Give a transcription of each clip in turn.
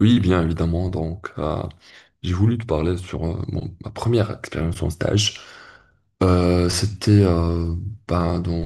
Oui, bien évidemment. J'ai voulu te parler sur ma première expérience en stage. C'était ben, dans,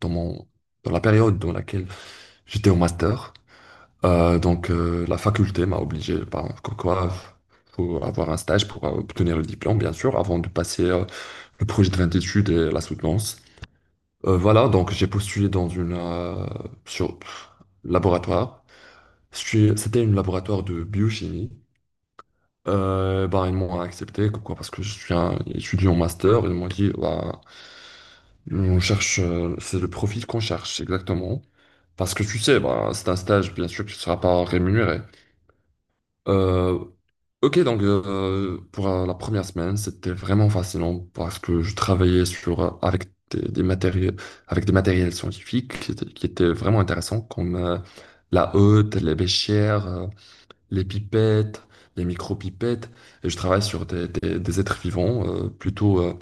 dans, mon, Dans la période dans laquelle j'étais au master. La faculté m'a obligé, ben, comme quoi, faut avoir un stage pour obtenir le diplôme, bien sûr, avant de passer le projet de fin d'études et la soutenance. Voilà, donc j'ai postulé dans une sur laboratoire. C'était un laboratoire de biochimie. Bah, ils m'ont accepté, pourquoi? Parce que je suis un étudiant master, ils m'ont dit, bah, on cherche, c'est le profil qu'on cherche, exactement. Parce que tu sais, bah, c'est un stage, bien sûr, que tu ne seras pas rémunéré. Euh, ok, donc pour la première semaine, c'était vraiment fascinant parce que je travaillais avec des matériels, avec des matériels scientifiques qui étaient vraiment intéressants, comme la hotte, les béchères, les pipettes, les micro-pipettes, et je travaille sur des êtres vivants plutôt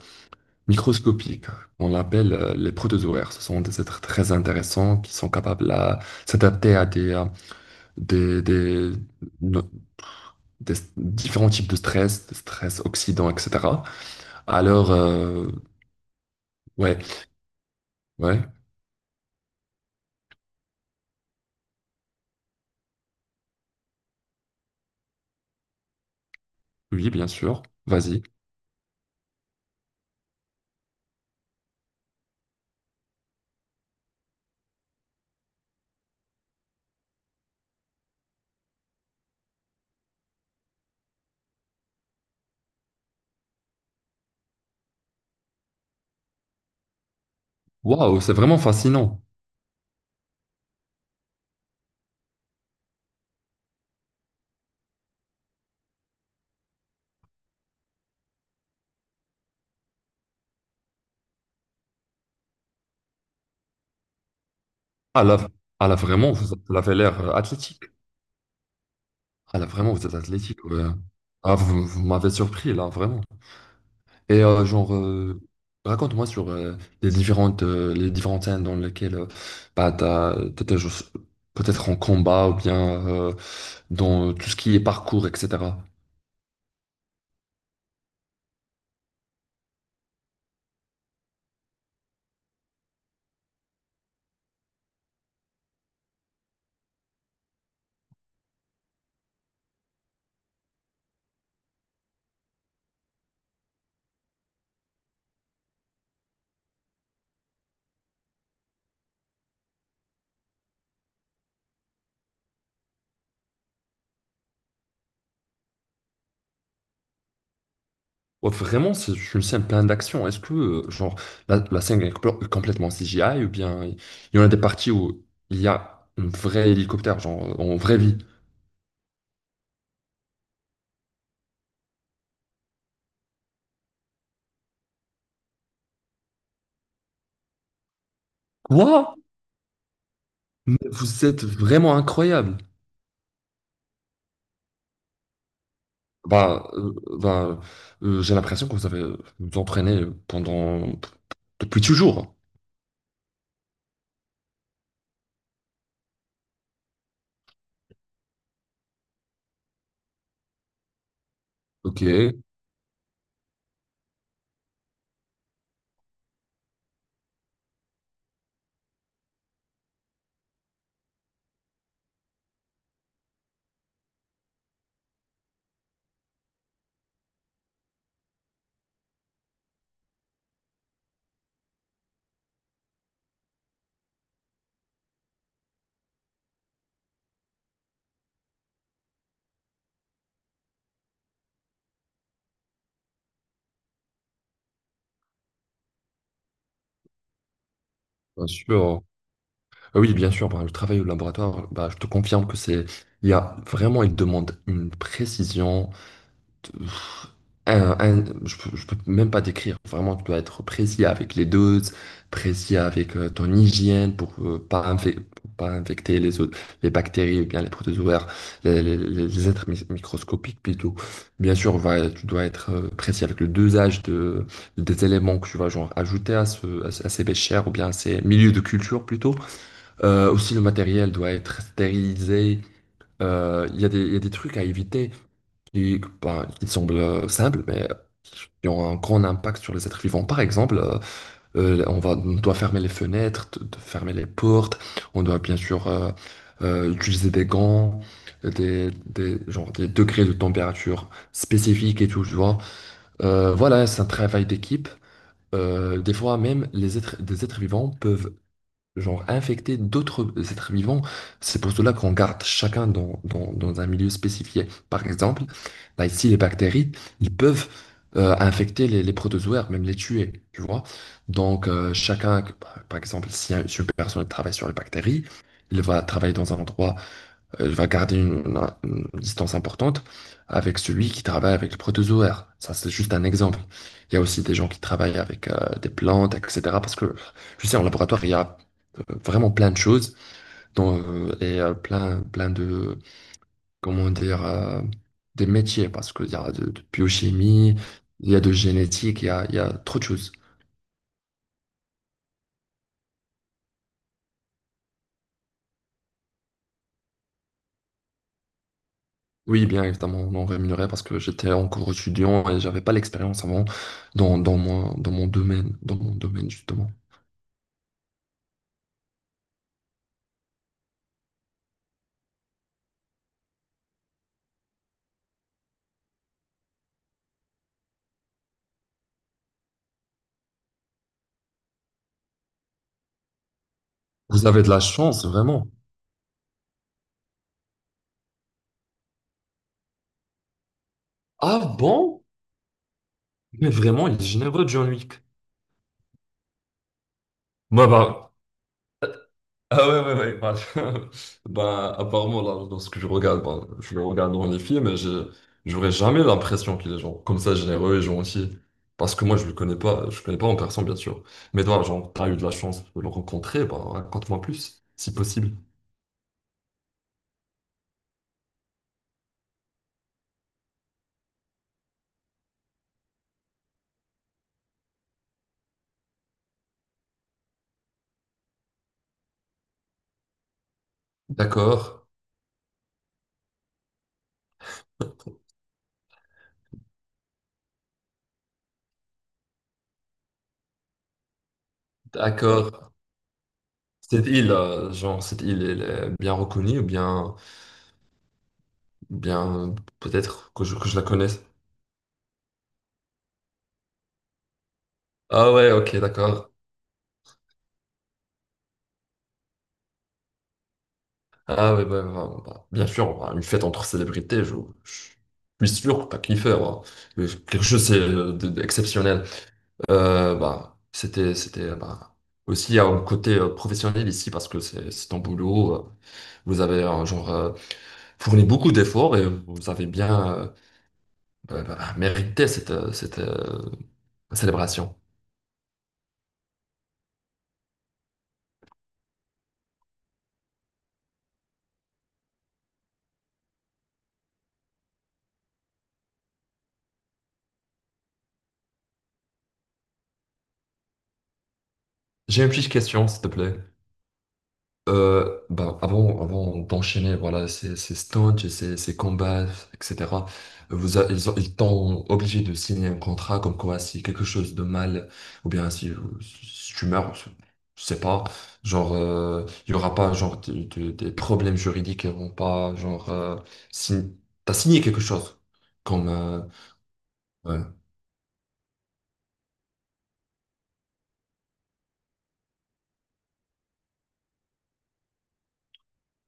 microscopiques, on l'appelle les protozoaires. Ce sont des êtres très intéressants qui sont capables à s'adapter à des, des- no- des différents types de stress oxydants, etc. Alors, euh, ouais, ouais, oui, bien sûr, vas-y. Waouh, c'est vraiment fascinant. Ah là, ah là, vraiment, ça avait l'air athlétique. Ah là, vraiment, vous êtes athlétique, ouais. Ah, vous m'avez surpris là, vraiment. Et raconte-moi sur les les différentes scènes dans lesquelles bah, t'étais juste peut-être en combat ou bien dans tout ce qui est parcours, etc. Ouais, vraiment, c'est une scène pleine d'action. Est-ce que genre la scène est complètement CGI ou bien il y en a des parties où il y a un vrai hélicoptère, genre en vraie vie? Quoi? Mais vous êtes vraiment incroyable. Bah, euh, bah, j'ai l'impression que vous avez vous entraîné pendant depuis toujours. Ok, bien sûr. Ah oui, bien sûr. Bah, le travail au laboratoire, bah, je te confirme il y a vraiment, il demande une précision, pff, je peux même pas décrire. Vraiment, tu dois être précis avec les doses, précis avec ton hygiène pour pas, infec- pour pas infecter les autres, les bactéries ou bien les protozoaires, les êtres microscopiques plutôt. Bien sûr, tu dois être précis avec le dosage des éléments que tu vas genre ajouter à ces béchères ou bien à ces milieux de culture plutôt. Aussi, le matériel doit être stérilisé. Il y a il y a des trucs à éviter qui, bah, qui semblent simples, mais qui ont un grand impact sur les êtres vivants. Par exemple, on doit fermer les fenêtres, fermer les portes, on doit bien sûr utiliser des gants, genre des degrés de température spécifiques et tout, tu vois. Voilà, c'est un travail d'équipe. Des fois même, des êtres vivants peuvent genre infecter d'autres êtres vivants. C'est pour cela qu'on garde chacun dans un milieu spécifié. Par exemple, là ici, les bactéries, ils peuvent infecter les protozoaires, même les tuer, tu vois. Chacun, par exemple, si une personne travaille sur les bactéries, il va travailler dans un endroit va garder une distance importante avec celui qui travaille avec le protozoaire. Ça, c'est juste un exemple. Il y a aussi des gens qui travaillent avec des plantes, etc. Parce que, tu sais, en laboratoire, il y a vraiment plein de choses dont, et plein, plein de, comment dire, des métiers. Parce qu'il y a de biochimie, il y a de génétique, il y a trop de choses. Oui, bien évidemment, non rémunéré parce que j'étais encore étudiant et j'avais pas l'expérience avant dans mon domaine justement. Vous avez de la chance, vraiment. Ah bon? Mais vraiment, il est généreux, John Wick. Bah, bah. Ah ouais, ouais, ouais. Bah, bah, apparemment, là, lorsque je regarde, bah, je le regarde dans les films, j'aurais jamais l'impression qu'il est genre comme ça généreux et gentil. Parce que moi, je le connais pas en personne, bien sûr. Mais toi, genre, t'as eu de la chance de le rencontrer, bah, raconte-moi plus, si possible. D'accord, d'accord. Cette île, cette île, elle est bien reconnue ou bien, bien, peut-être que que je la connais. Ah ouais, ok, d'accord. Ah ouais, bah, bien sûr, bah, une fête entre célébrités, je suis sûr que t'as kiffé, bah. Mais quelque chose c'est, d'exceptionnel. C'était, bah, aussi un côté professionnel ici parce que c'est ton boulot. Vous avez fourni beaucoup d'efforts et vous avez bien mérité cette célébration. J'ai une petite question, s'il te plaît. Avant d'enchaîner, voilà, ces stunts et ces combats, etc., vous a- ils ont- ils t'ont obligé de signer un contrat comme quoi si quelque chose de mal, ou bien si, si tu meurs, je sais pas, genre, il y aura pas, genre, des problèmes juridiques, ils vont pas, genre, sign- t'as signé quelque chose, comme, ouais.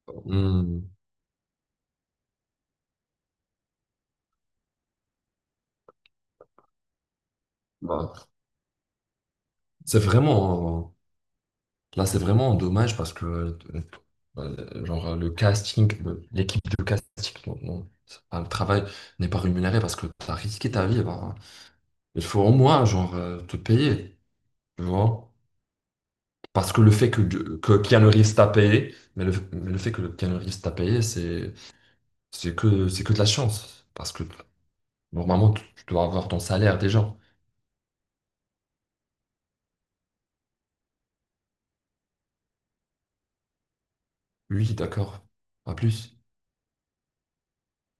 Hmm, bah, c'est vraiment, là, c'est vraiment dommage parce que genre le casting, l'équipe de casting, non, non, c'est pas- le travail n'est pas rémunéré parce que tu as risqué ta vie. Bah, il faut au moins genre te payer, tu vois. Parce que le fait que Keanu Reeves t'a payé, mais mais le fait que Keanu Reeves t'a payé, c'est que de la chance. Parce que normalement, tu dois avoir ton salaire déjà. Oui, d'accord, pas plus.